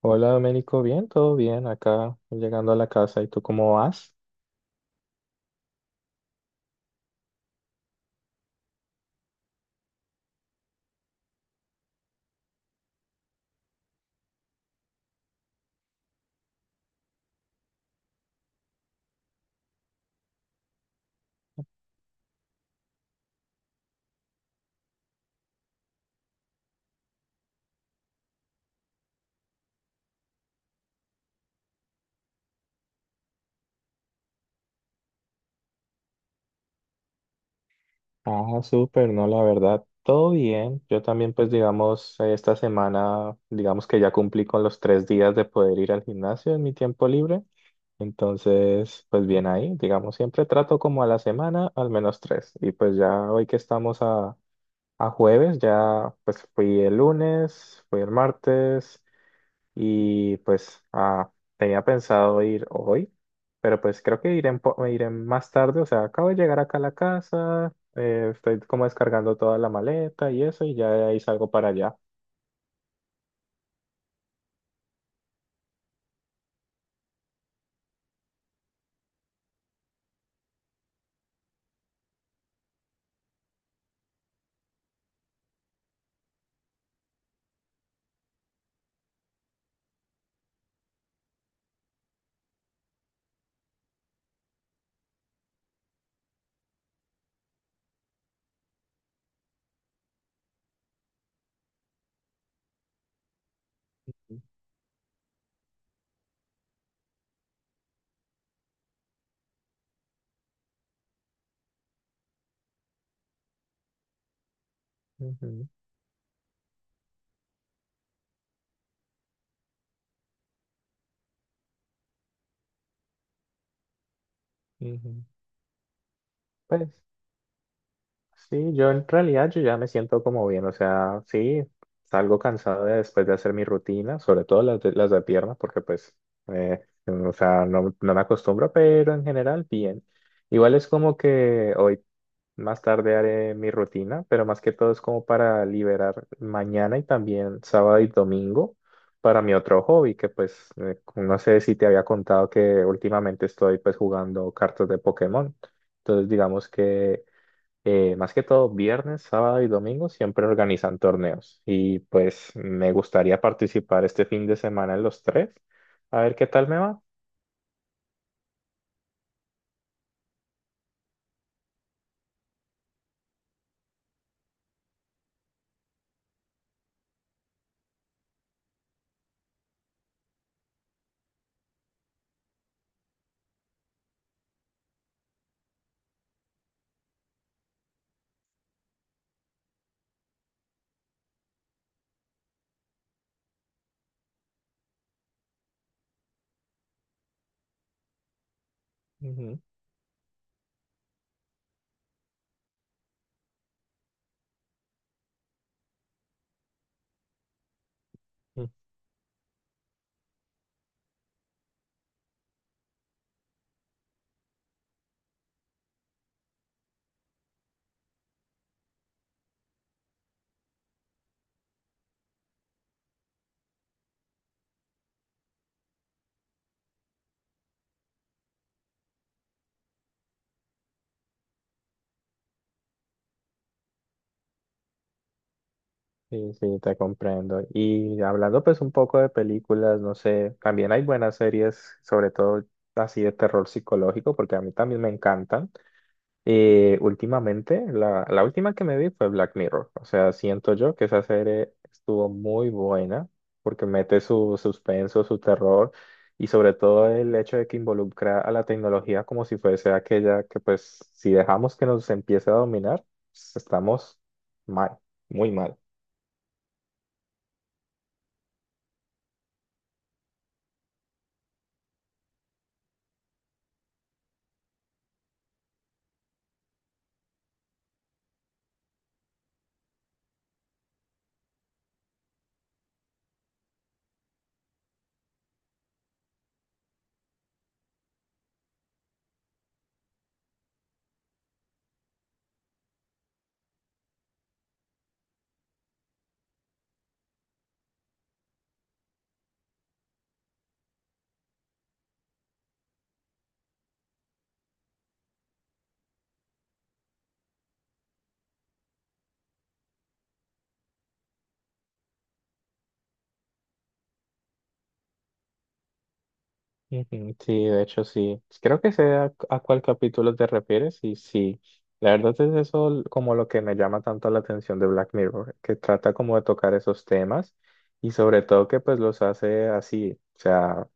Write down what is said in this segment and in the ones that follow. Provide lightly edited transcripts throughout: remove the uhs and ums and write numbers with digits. Hola Domenico, bien, todo bien acá, llegando a la casa. ¿Y tú cómo vas? Ah, súper, no, la verdad, todo bien. Yo también, pues digamos, esta semana, digamos que ya cumplí con los tres días de poder ir al gimnasio en mi tiempo libre. Entonces, pues bien ahí, digamos, siempre trato como a la semana al menos tres. Y pues ya hoy que estamos a jueves, ya pues fui el lunes, fui el martes. Y pues tenía pensado ir hoy, pero pues creo que iré, iré más tarde. O sea, acabo de llegar acá a la casa, estoy como descargando toda la maleta y eso, y ya de ahí salgo para allá. Ujú, ujú. Pues sí, yo en realidad yo ya me siento como bien, o sea, sí, salgo cansado de- después de hacer mi rutina, sobre todo las de pierna, porque pues, eh, o sea, no me acostumbro, pero en general bien. Igual es como que hoy más tarde haré mi rutina, pero más que todo es como para liberar mañana y también sábado y domingo para mi otro hobby, que pues no sé si te había contado que últimamente estoy pues jugando cartas de Pokémon. Entonces digamos que más que todo viernes, sábado y domingo siempre organizan torneos y pues me gustaría participar este fin de semana en los tres, a ver qué tal me va. Ujú. Sí, sí, te comprendo. Y hablando pues un poco de películas, no sé, también hay buenas series, sobre todo así de terror psicológico, porque a mí también me encantan. Últimamente, la última que me vi fue Black Mirror. O sea, siento yo que esa serie estuvo muy buena, porque mete su suspenso, su terror, y sobre todo el hecho de que involucra a la tecnología como si fuese aquella que pues si dejamos que nos empiece a dominar, pues, estamos mal, muy mal. Ujú. Sí, de hecho sí. Creo que sé a cuál capítulo te refieres y sí, la verdad es eso como lo que me llama tanto la atención de Black Mirror, que trata como de tocar esos temas y sobre todo que pues los hace así, o sea,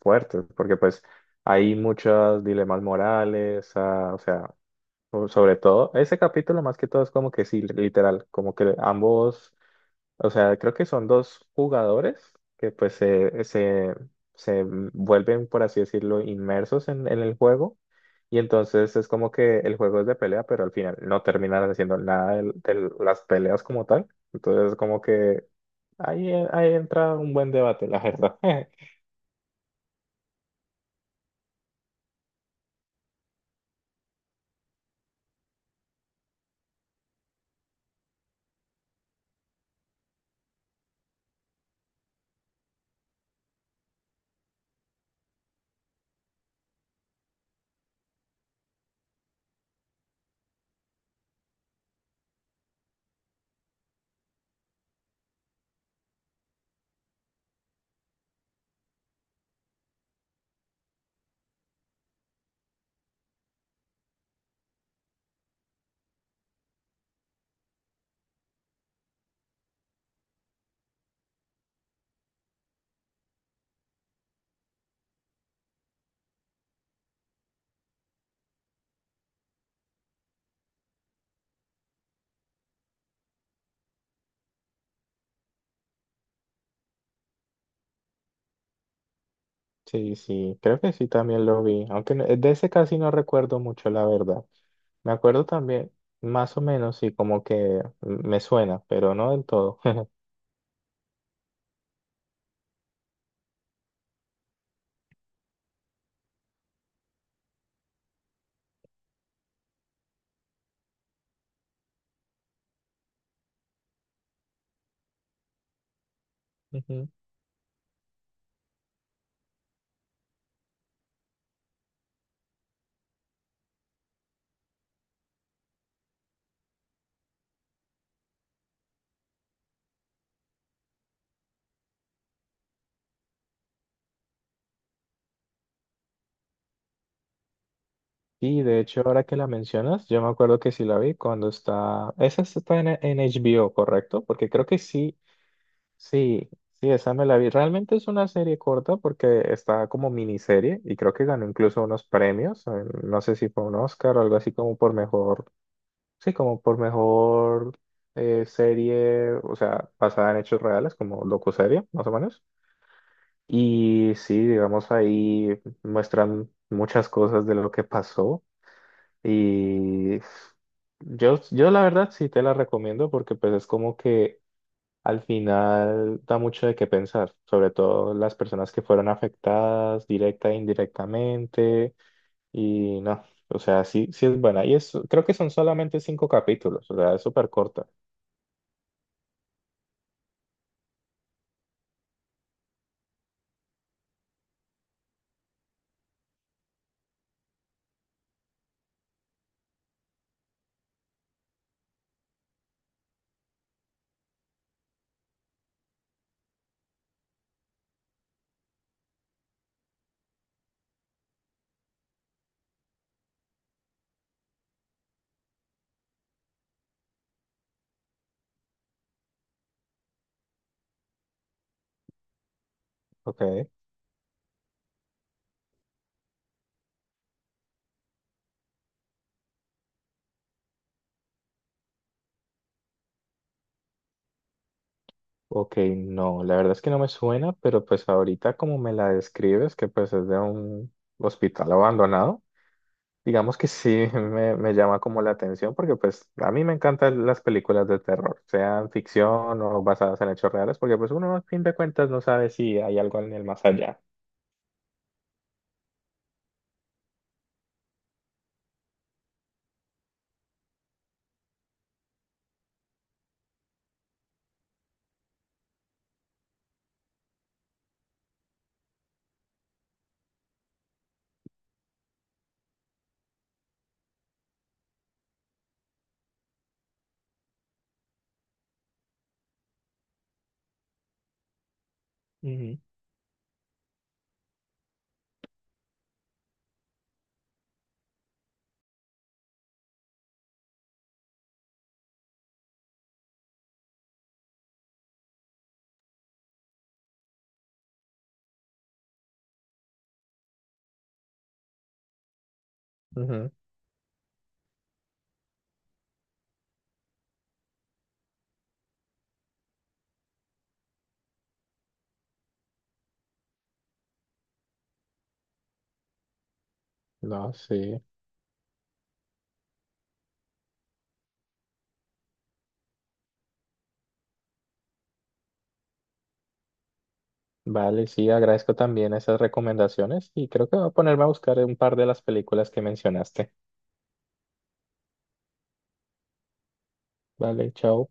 fuertes, porque pues hay muchos dilemas morales, o sea, sobre todo ese capítulo más que todo es como que sí, literal, como que ambos, o sea, creo que son dos jugadores que pues se vuelven, por así decirlo, inmersos en el juego. Y entonces es como que el juego es de pelea, pero al final no terminan haciendo nada de, las peleas como tal. Entonces es como que ahí, ahí entra un buen debate, la verdad. Sí, sí, creo que sí también lo vi. Aunque de ese casi no recuerdo mucho, la verdad. Me acuerdo también, más o menos, sí, como que me suena, pero no del todo. Ujú. Y de hecho, ahora que la mencionas, yo me acuerdo que sí la vi cuando está... Esa sí está en HBO, ¿correcto? Porque creo que sí, sí, sí, esa me la vi. Realmente es una serie corta porque está como miniserie y creo que ganó incluso unos premios. No sé si fue un Oscar o algo así como por mejor, sí, como por mejor serie, o sea, basada en hechos reales, como docuserie, más o menos. Y sí, digamos, ahí muestran muchas cosas de lo que pasó. Y yo la verdad sí te la recomiendo porque pues es como que al final da mucho de qué pensar, sobre todo las personas que fueron afectadas directa e indirectamente y no, o sea, sí, sí es buena. Y eso creo que son solamente 5 capítulos, o sea, es súper corta. Ok, ok, no, la verdad es que no me suena, pero pues ahorita como me la describes, que pues es de un hospital abandonado. Digamos que sí, me llama como la atención porque pues a mí me encantan las películas de terror, sean ficción o basadas en hechos reales, porque pues uno a fin de cuentas no sabe si hay algo en el más allá. Ujú. Ujú. No, sí. Vale, sí, agradezco también esas recomendaciones y creo que voy a ponerme a buscar un par de las películas que mencionaste. Vale, chao.